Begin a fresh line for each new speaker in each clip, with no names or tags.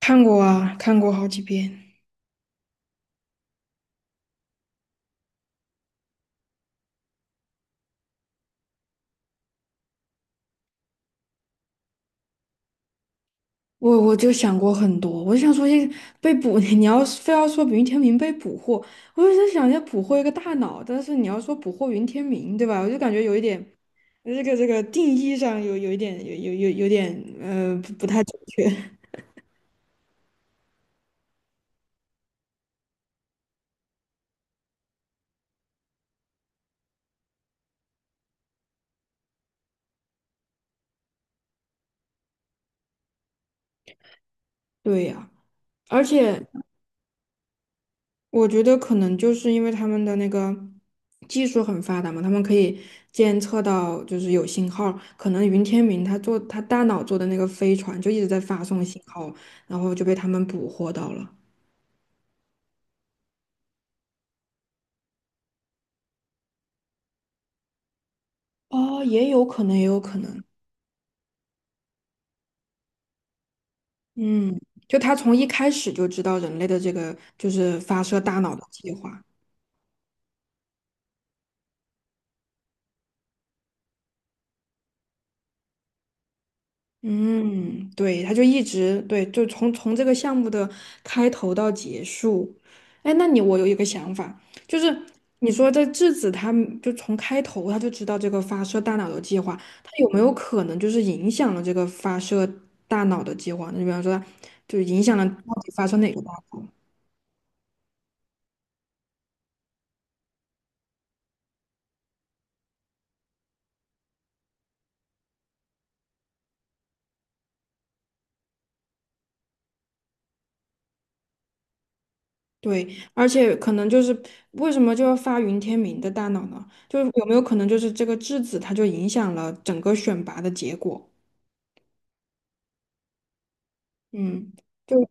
看过啊，看过好几遍。我就想过很多，我就想说，这被捕，你要是非要说云天明被捕获，我就在想要捕获一个大脑，但是你要说捕获云天明，对吧？我就感觉有一点，这个定义上有一点有点不太准确。对呀、而且我觉得可能就是因为他们的那个技术很发达嘛，他们可以监测到就是有信号。可能云天明他做他大脑做的那个飞船就一直在发送信号，然后就被他们捕获到了。哦，也有可能，也有可能。嗯，就他从一开始就知道人类的这个就是发射大脑的计划。嗯，对，他就一直对，就从这个项目的开头到结束。哎，那你我有一个想法，就是你说这质子他们就从开头他就知道这个发射大脑的计划，他有没有可能就是影响了这个发射大脑的计划呢？你比方说，就影响了到底发射哪个大脑？对，而且可能就是为什么就要发云天明的大脑呢？就是有没有可能就是这个质子它就影响了整个选拔的结果？嗯。就。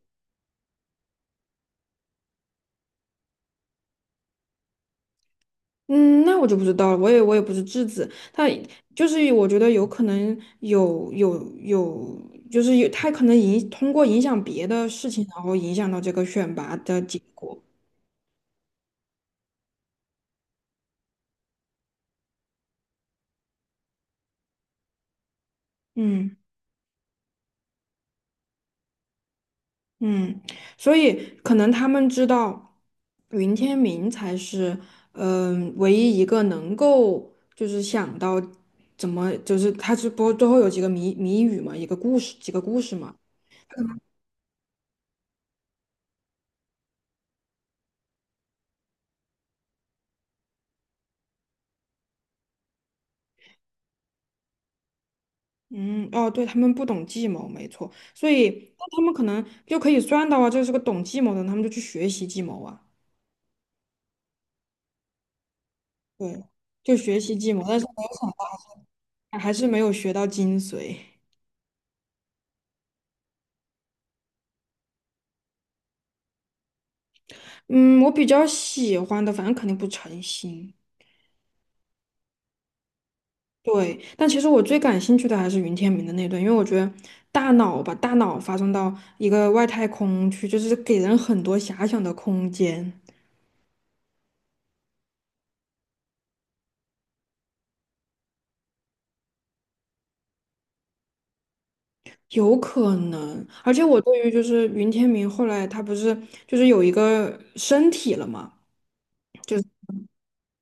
嗯，那我就不知道了，我也不是质子，他就是我觉得有可能有有有，就是有他可能通过影响别的事情，然后影响到这个选拔的结果。嗯嗯，所以可能他们知道云天明才是唯一一个能够就是想到怎么就是他是不最后有几个谜语嘛，一个故事几个故事嘛。嗯，哦，对，他们不懂计谋，没错，所以那他们可能就可以算到啊，这是个懂计谋的人他们就去学习计谋啊，对，就学习计谋，但是还是没有学到精髓。嗯，我比较喜欢的，反正肯定不诚心，对，但其实我最感兴趣的还是云天明的那段，因为我觉得大脑吧，大脑发送到一个外太空去，就是给人很多遐想的空间。有可能，而且我对于就是云天明后来他不是就是有一个身体了嘛，就是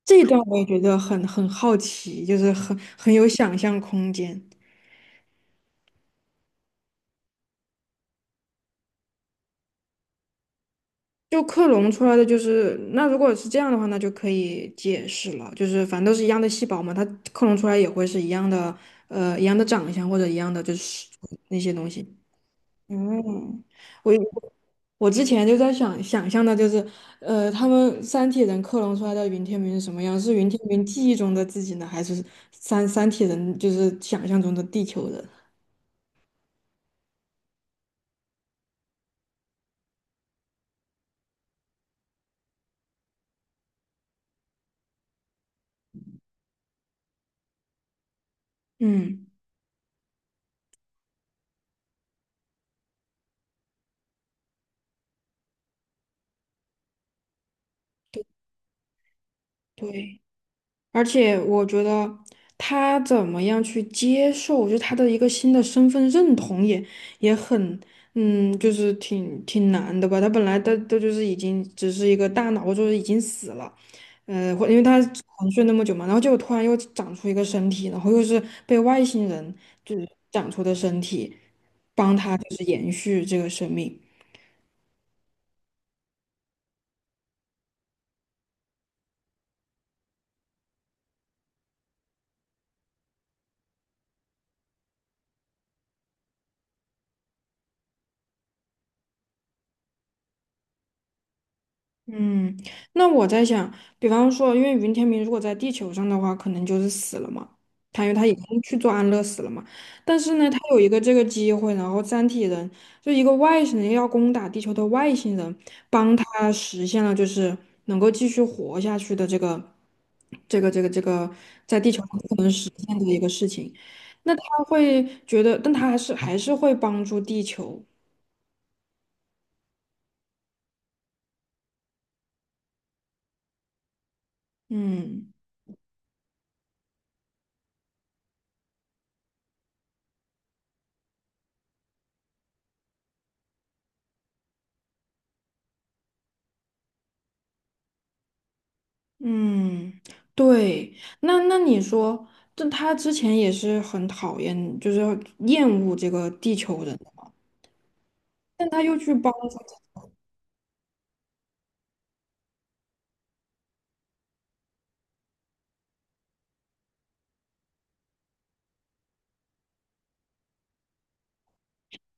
这一段我也觉得很好奇，就是很有想象空间。就克隆出来的就是那如果是这样的话，那就可以解释了，就是反正都是一样的细胞嘛，它克隆出来也会是一样的一样的长相或者一样的就是那些东西。嗯，我我之前就在想象的，就是他们三体人克隆出来的云天明是什么样？是云天明记忆中的自己呢，还是三体人就是想象中的地球人？嗯，对。而且我觉得他怎么样去接受，就他的一个新的身份认同也很，就是挺难的吧。他本来都就是已经只是一个大脑，就是已经死了，或因为他沉睡那么久嘛，然后结果突然又长出一个身体，然后又是被外星人就是长出的身体，帮他就是延续这个生命。嗯，那我在想，比方说，因为云天明如果在地球上的话，可能就是死了嘛，他因为他已经去做安乐死了嘛。但是呢，他有一个这个机会，然后三体人就一个外星人要攻打地球的外星人，帮他实现了就是能够继续活下去的这个在地球上不可能实现的一个事情。那他会觉得，但他还是会帮助地球，嗯。嗯，对，那你说，这他之前也是很讨厌，就是厌恶这个地球人，但他又去帮助他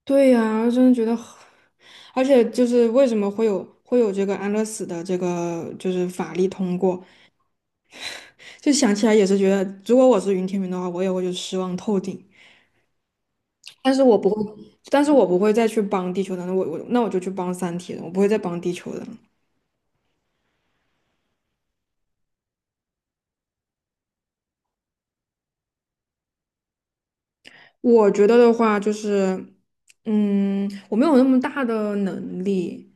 对呀，真的觉得很而且就是为什么会有这个安乐死的这个就是法律通过，就想起来也是觉得，如果我是云天明的话，我也会就失望透顶，但是我不会，但是我不会再去帮地球人了，我那我就去帮三体人，我不会再帮地球人了。我觉得的话就是，我没有那么大的能力，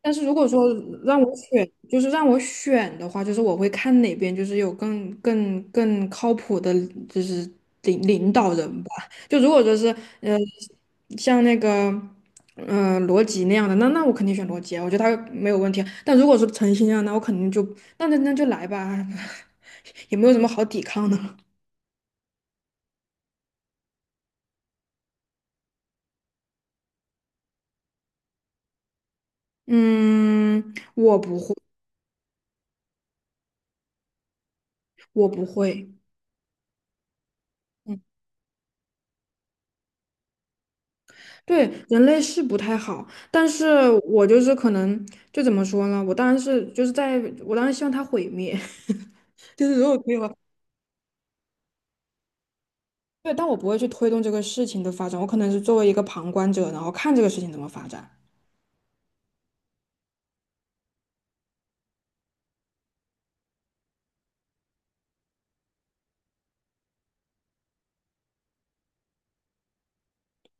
但是如果说让我选，就是让我选的话，就是我会看哪边就是有更靠谱的，就是领导人吧。就如果说是呃，像那个罗辑那样的，那那我肯定选罗辑啊，我觉得他没有问题啊。但如果说陈曦啊，那我肯定就那就来吧，也没有什么好抵抗的了。嗯，我不我不会。嗯，对，人类是不太好，但是我就是可能就怎么说呢？我当然是就是在我当然希望它毁灭，就是如果可以的话，对，但我不会去推动这个事情的发展，我可能是作为一个旁观者，然后看这个事情怎么发展。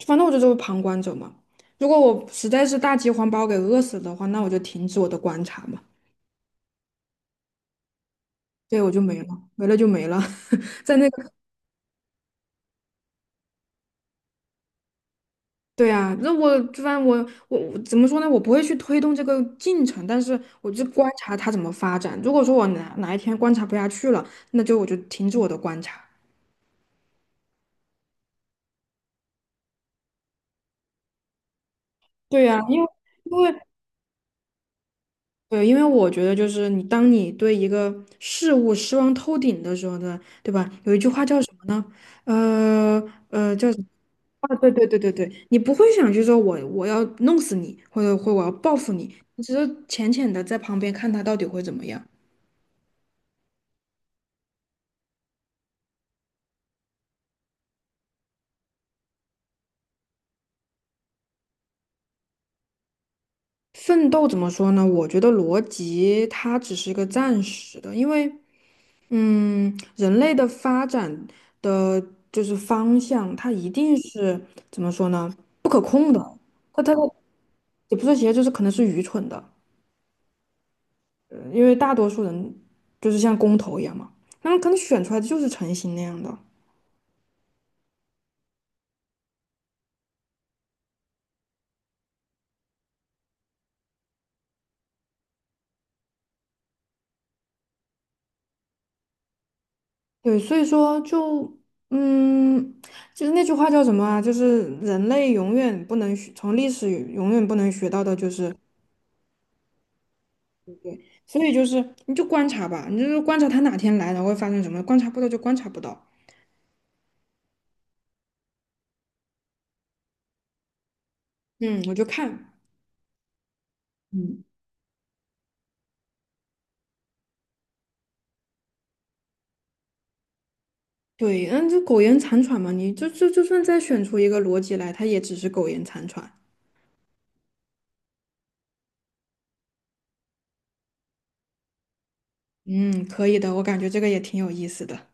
反正我就作为旁观者嘛。如果我实在是大饥荒把我给饿死的话，那我就停止我的观察嘛。对，我就没了，没了就没了，在那个对啊，那我就反正我怎么说呢？我不会去推动这个进程，但是我就观察它怎么发展。如果说我哪一天观察不下去了，那就我就停止我的观察。对呀，因为因为对，因为我觉得就是你当你对一个事物失望透顶的时候呢，对吧？有一句话叫什么呢？呃叫什么？啊，对对对对对，你不会想去说我要弄死你，或者我要报复你，你只是浅浅的在旁边看他到底会怎么样。奋斗怎么说呢？我觉得逻辑它只是一个暂时的，因为嗯，人类的发展的就是方向，它一定是怎么说呢？不可控的，它也不是邪，就是可能是愚蠢的，因为大多数人就是像公投一样嘛，那么可能选出来的就是成型那样的，对，所以说嗯，就是那句话叫什么啊？就是人类永远不能学，从历史永远不能学到的就是。所以就是你就观察吧，你就是观察他哪天来，然后会发生什么，观察不到就观察不到。嗯，我就看，嗯，对，嗯，这苟延残喘嘛，你就算再选出一个逻辑来，它也只是苟延残喘。嗯，可以的，我感觉这个也挺有意思的。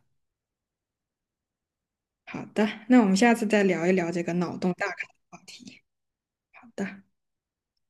好的，那我们下次再聊一聊这个脑洞大开的话题。好的。